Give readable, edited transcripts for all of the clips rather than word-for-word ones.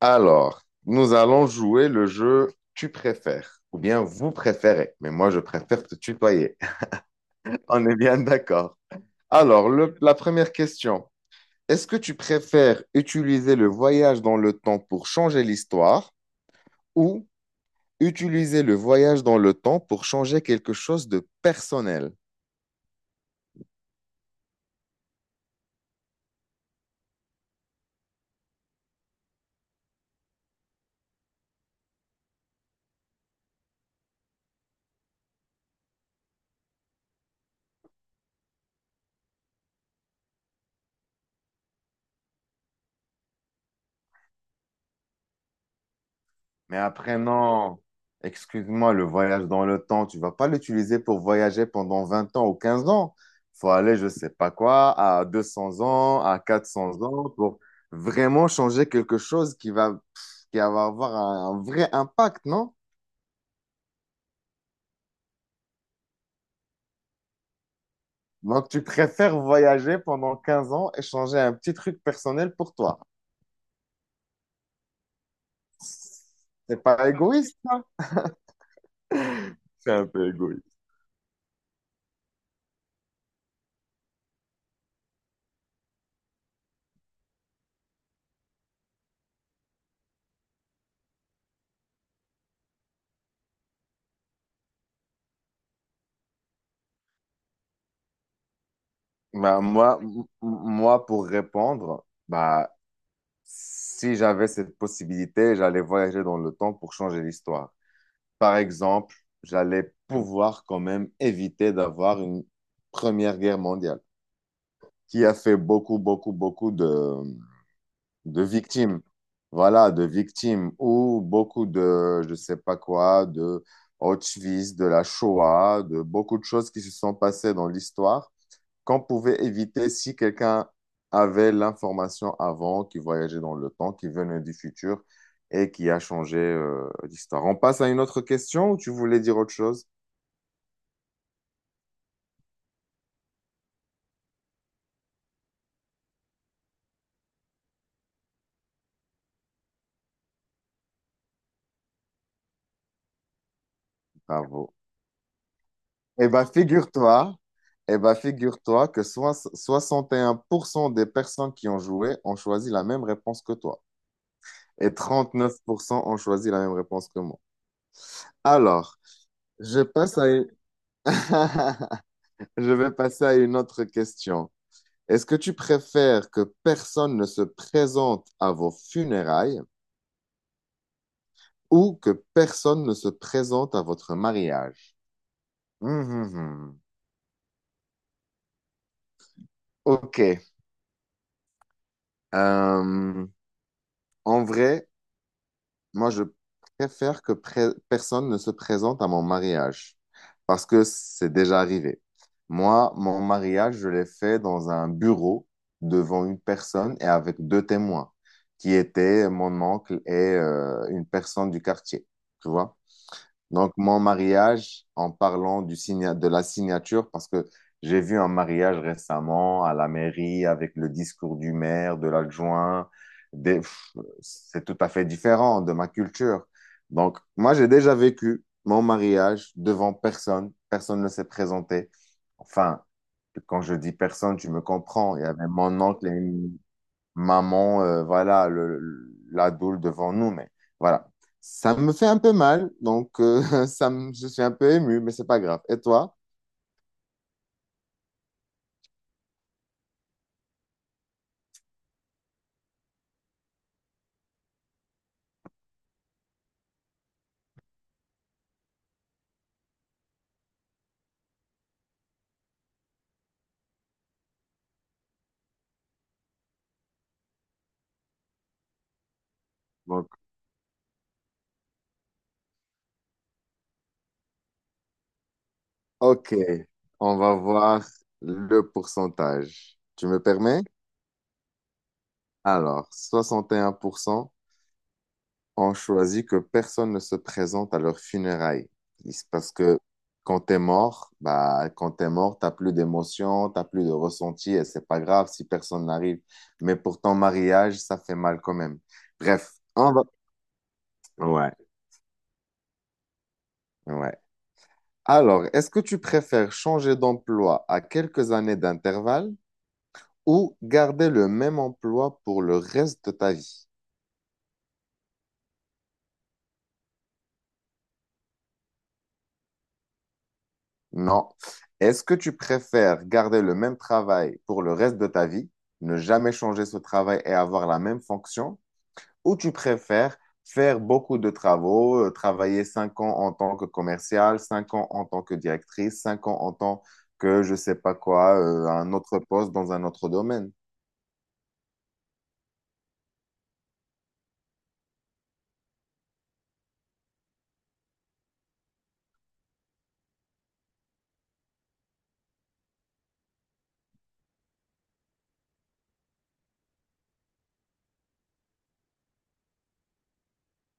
Alors, nous allons jouer le jeu Tu préfères ou bien vous préférez, mais moi je préfère te tutoyer. On est bien d'accord. Alors, la première question, est-ce que tu préfères utiliser le voyage dans le temps pour changer l'histoire ou utiliser le voyage dans le temps pour changer quelque chose de personnel? Mais après, non. Excuse-moi, le voyage dans le temps, tu vas pas l'utiliser pour voyager pendant 20 ans ou 15 ans. Faut aller, je sais pas quoi, à 200 ans, à 400 ans, pour vraiment changer quelque chose qui va avoir un vrai impact, non? Donc, tu préfères voyager pendant 15 ans et changer un petit truc personnel pour toi. C'est pas égoïste, ça? C'est un peu égoïste. Bah, moi, moi, pour répondre, bah, si j'avais cette possibilité, j'allais voyager dans le temps pour changer l'histoire. Par exemple, j'allais pouvoir quand même éviter d'avoir une Première Guerre mondiale qui a fait beaucoup, beaucoup, beaucoup de victimes. Voilà, de victimes ou beaucoup de, je sais pas quoi, de Auschwitz, de la Shoah, de beaucoup de choses qui se sont passées dans l'histoire qu'on pouvait éviter si quelqu'un avait l'information avant, qui voyageait dans le temps, qui venait du futur et qui a changé l'histoire. On passe à une autre question ou tu voulais dire autre chose? Bravo. Eh bien, figure-toi, eh ben, figure-toi que soixante et un pour cent des personnes qui ont joué ont choisi la même réponse que toi et 39% ont choisi la même réponse que moi. Alors, je passe à une- je vais passer à une autre question. Est-ce que tu préfères que personne ne se présente à vos funérailles ou que personne ne se présente à votre mariage? Hum, hum, hum. Ok. Euh, en vrai, moi, je préfère que personne ne se présente à mon mariage parce que c'est déjà arrivé. Moi, mon mariage, je l'ai fait dans un bureau devant une personne et avec deux témoins qui étaient mon oncle et une personne du quartier. Tu vois? Donc, mon mariage, en parlant de la signature, parce que j'ai vu un mariage récemment à la mairie avec le discours du maire, de l'adjoint. des- pff, C'est tout à fait différent de ma culture. Donc, moi, j'ai déjà vécu mon mariage devant personne. Personne ne s'est présenté. Enfin, quand je dis personne, tu me comprends. Il y avait mon oncle et maman, voilà, la doule devant nous, mais voilà. Ça me fait un peu mal, donc je suis un peu ému, mais c'est pas grave. Et toi? Donc, ok, on va voir le pourcentage. Tu me permets? Alors, soixante et un pour cent ont choisi que personne ne se présente à leurs funérailles. C'est parce que quand t'es mort, bah, quand t'es mort, t'as plus d'émotion, t'as plus de ressenti et c'est pas grave si personne n'arrive. Mais pour ton mariage, ça fait mal quand même. Bref, on va. Ouais, ouais. Alors, est-ce que tu préfères changer d'emploi à quelques années d'intervalle ou garder le même emploi pour le reste de ta vie? Non. Est-ce que tu préfères garder le même travail pour le reste de ta vie, ne jamais changer ce travail et avoir la même fonction, ou tu préfères faire beaucoup de travaux, travailler 5 ans en tant que commercial, 5 ans en tant que directrice, 5 ans en tant que je sais pas quoi, un autre poste dans un autre domaine?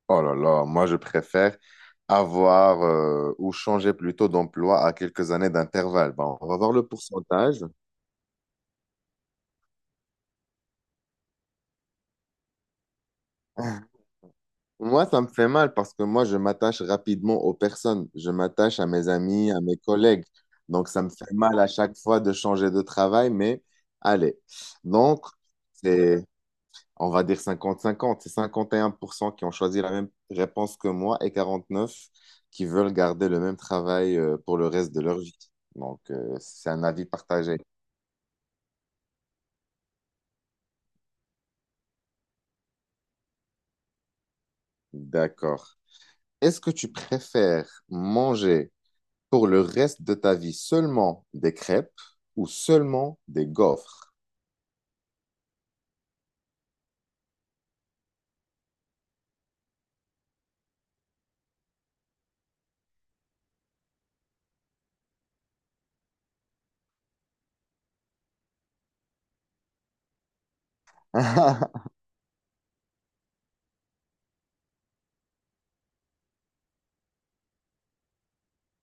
Oh là là, moi je préfère avoir ou changer plutôt d'emploi à quelques années d'intervalle. Bon, on va voir le pourcentage. Moi, ça me fait mal parce que moi, je m'attache rapidement aux personnes. Je m'attache à mes amis, à mes collègues. Donc, ça me fait mal à chaque fois de changer de travail, mais allez. Donc, c'est, on va dire cinquante-cinquante. C'est 51% qui ont choisi la même réponse que moi et 49% qui veulent garder le même travail pour le reste de leur vie. Donc, c'est un avis partagé. D'accord. Est-ce que tu préfères manger pour le reste de ta vie seulement des crêpes ou seulement des gaufres?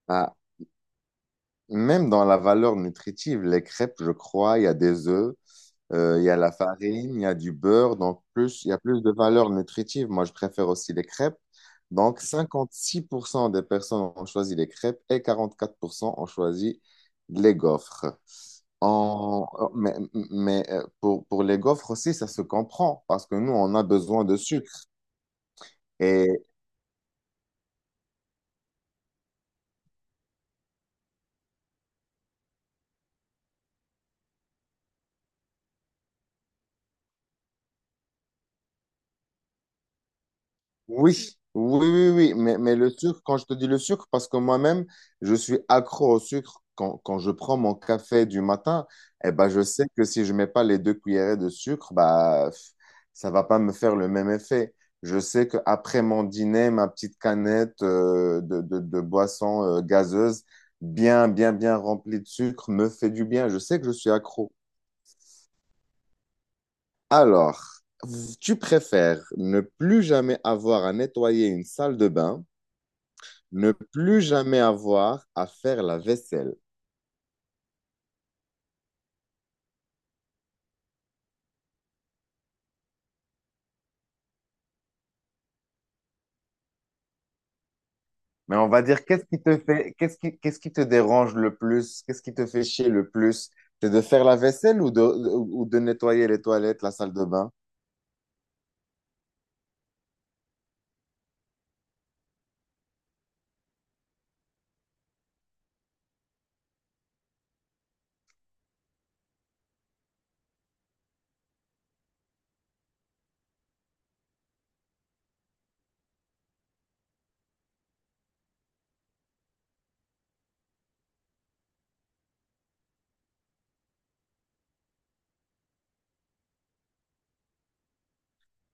Ah, même dans la valeur nutritive, les crêpes, je crois, il y a des œufs, il y a la farine, il y a du beurre, donc plus, il y a plus de valeur nutritive. Moi, je préfère aussi les crêpes. Donc, 56% des personnes ont choisi les crêpes et 44% ont choisi les gaufres. En- Mais, mais, pour les gaufres aussi, ça se comprend parce que nous, on a besoin de sucre. Oui, oui, oui, oui, oui. Mais le sucre, quand je te dis le sucre, parce que moi-même, je suis accro au sucre. Quand, quand je prends mon café du matin, eh ben, je sais que si je mets pas les 2 cuillerées de sucre, bah, ça va pas me faire le même effet. Je sais qu'après mon dîner, ma petite canette de boisson gazeuse, bien, bien, bien remplie de sucre, me fait du bien. Je sais que je suis accro. Alors, tu préfères ne plus jamais avoir à nettoyer une salle de bain, ne plus jamais avoir à faire la vaisselle. Mais on va dire, qu'est-ce qui te dérange le plus? Qu'est-ce qui te fait chier le plus? C'est de faire la vaisselle ou de nettoyer les toilettes, la salle de bain?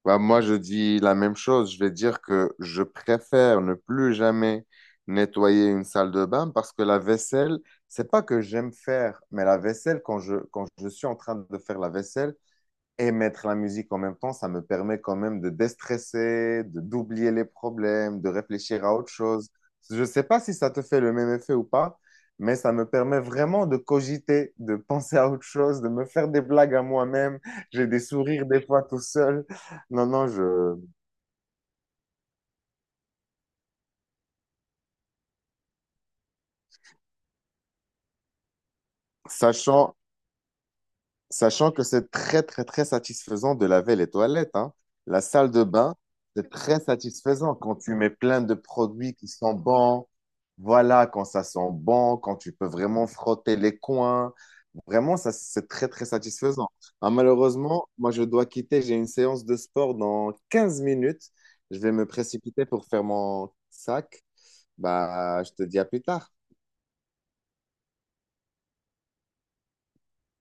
Bah, moi, je dis la même chose. Je vais dire que je préfère ne plus jamais nettoyer une salle de bain parce que la vaisselle, c'est pas que j'aime faire, mais la vaisselle, quand je suis en train de faire la vaisselle, et mettre la musique en même temps, ça me permet quand même de déstresser, de d'oublier les problèmes, de réfléchir à autre chose. Je ne sais pas si ça te fait le même effet ou pas, mais ça me permet vraiment de cogiter, de penser à autre chose, de me faire des blagues à moi-même. J'ai des sourires des fois tout seul. Non, non, je. sachant Sachant que c'est très, très, très satisfaisant de laver les toilettes, hein. La salle de bain, c'est très satisfaisant quand tu mets plein de produits qui sont bons. Voilà, quand ça sent bon, quand tu peux vraiment frotter les coins. Vraiment, ça, c'est très, très satisfaisant. Ah, malheureusement, moi, je dois quitter. J'ai une séance de sport dans 15 minutes. Je vais me précipiter pour faire mon sac. Bah, je te dis à plus tard.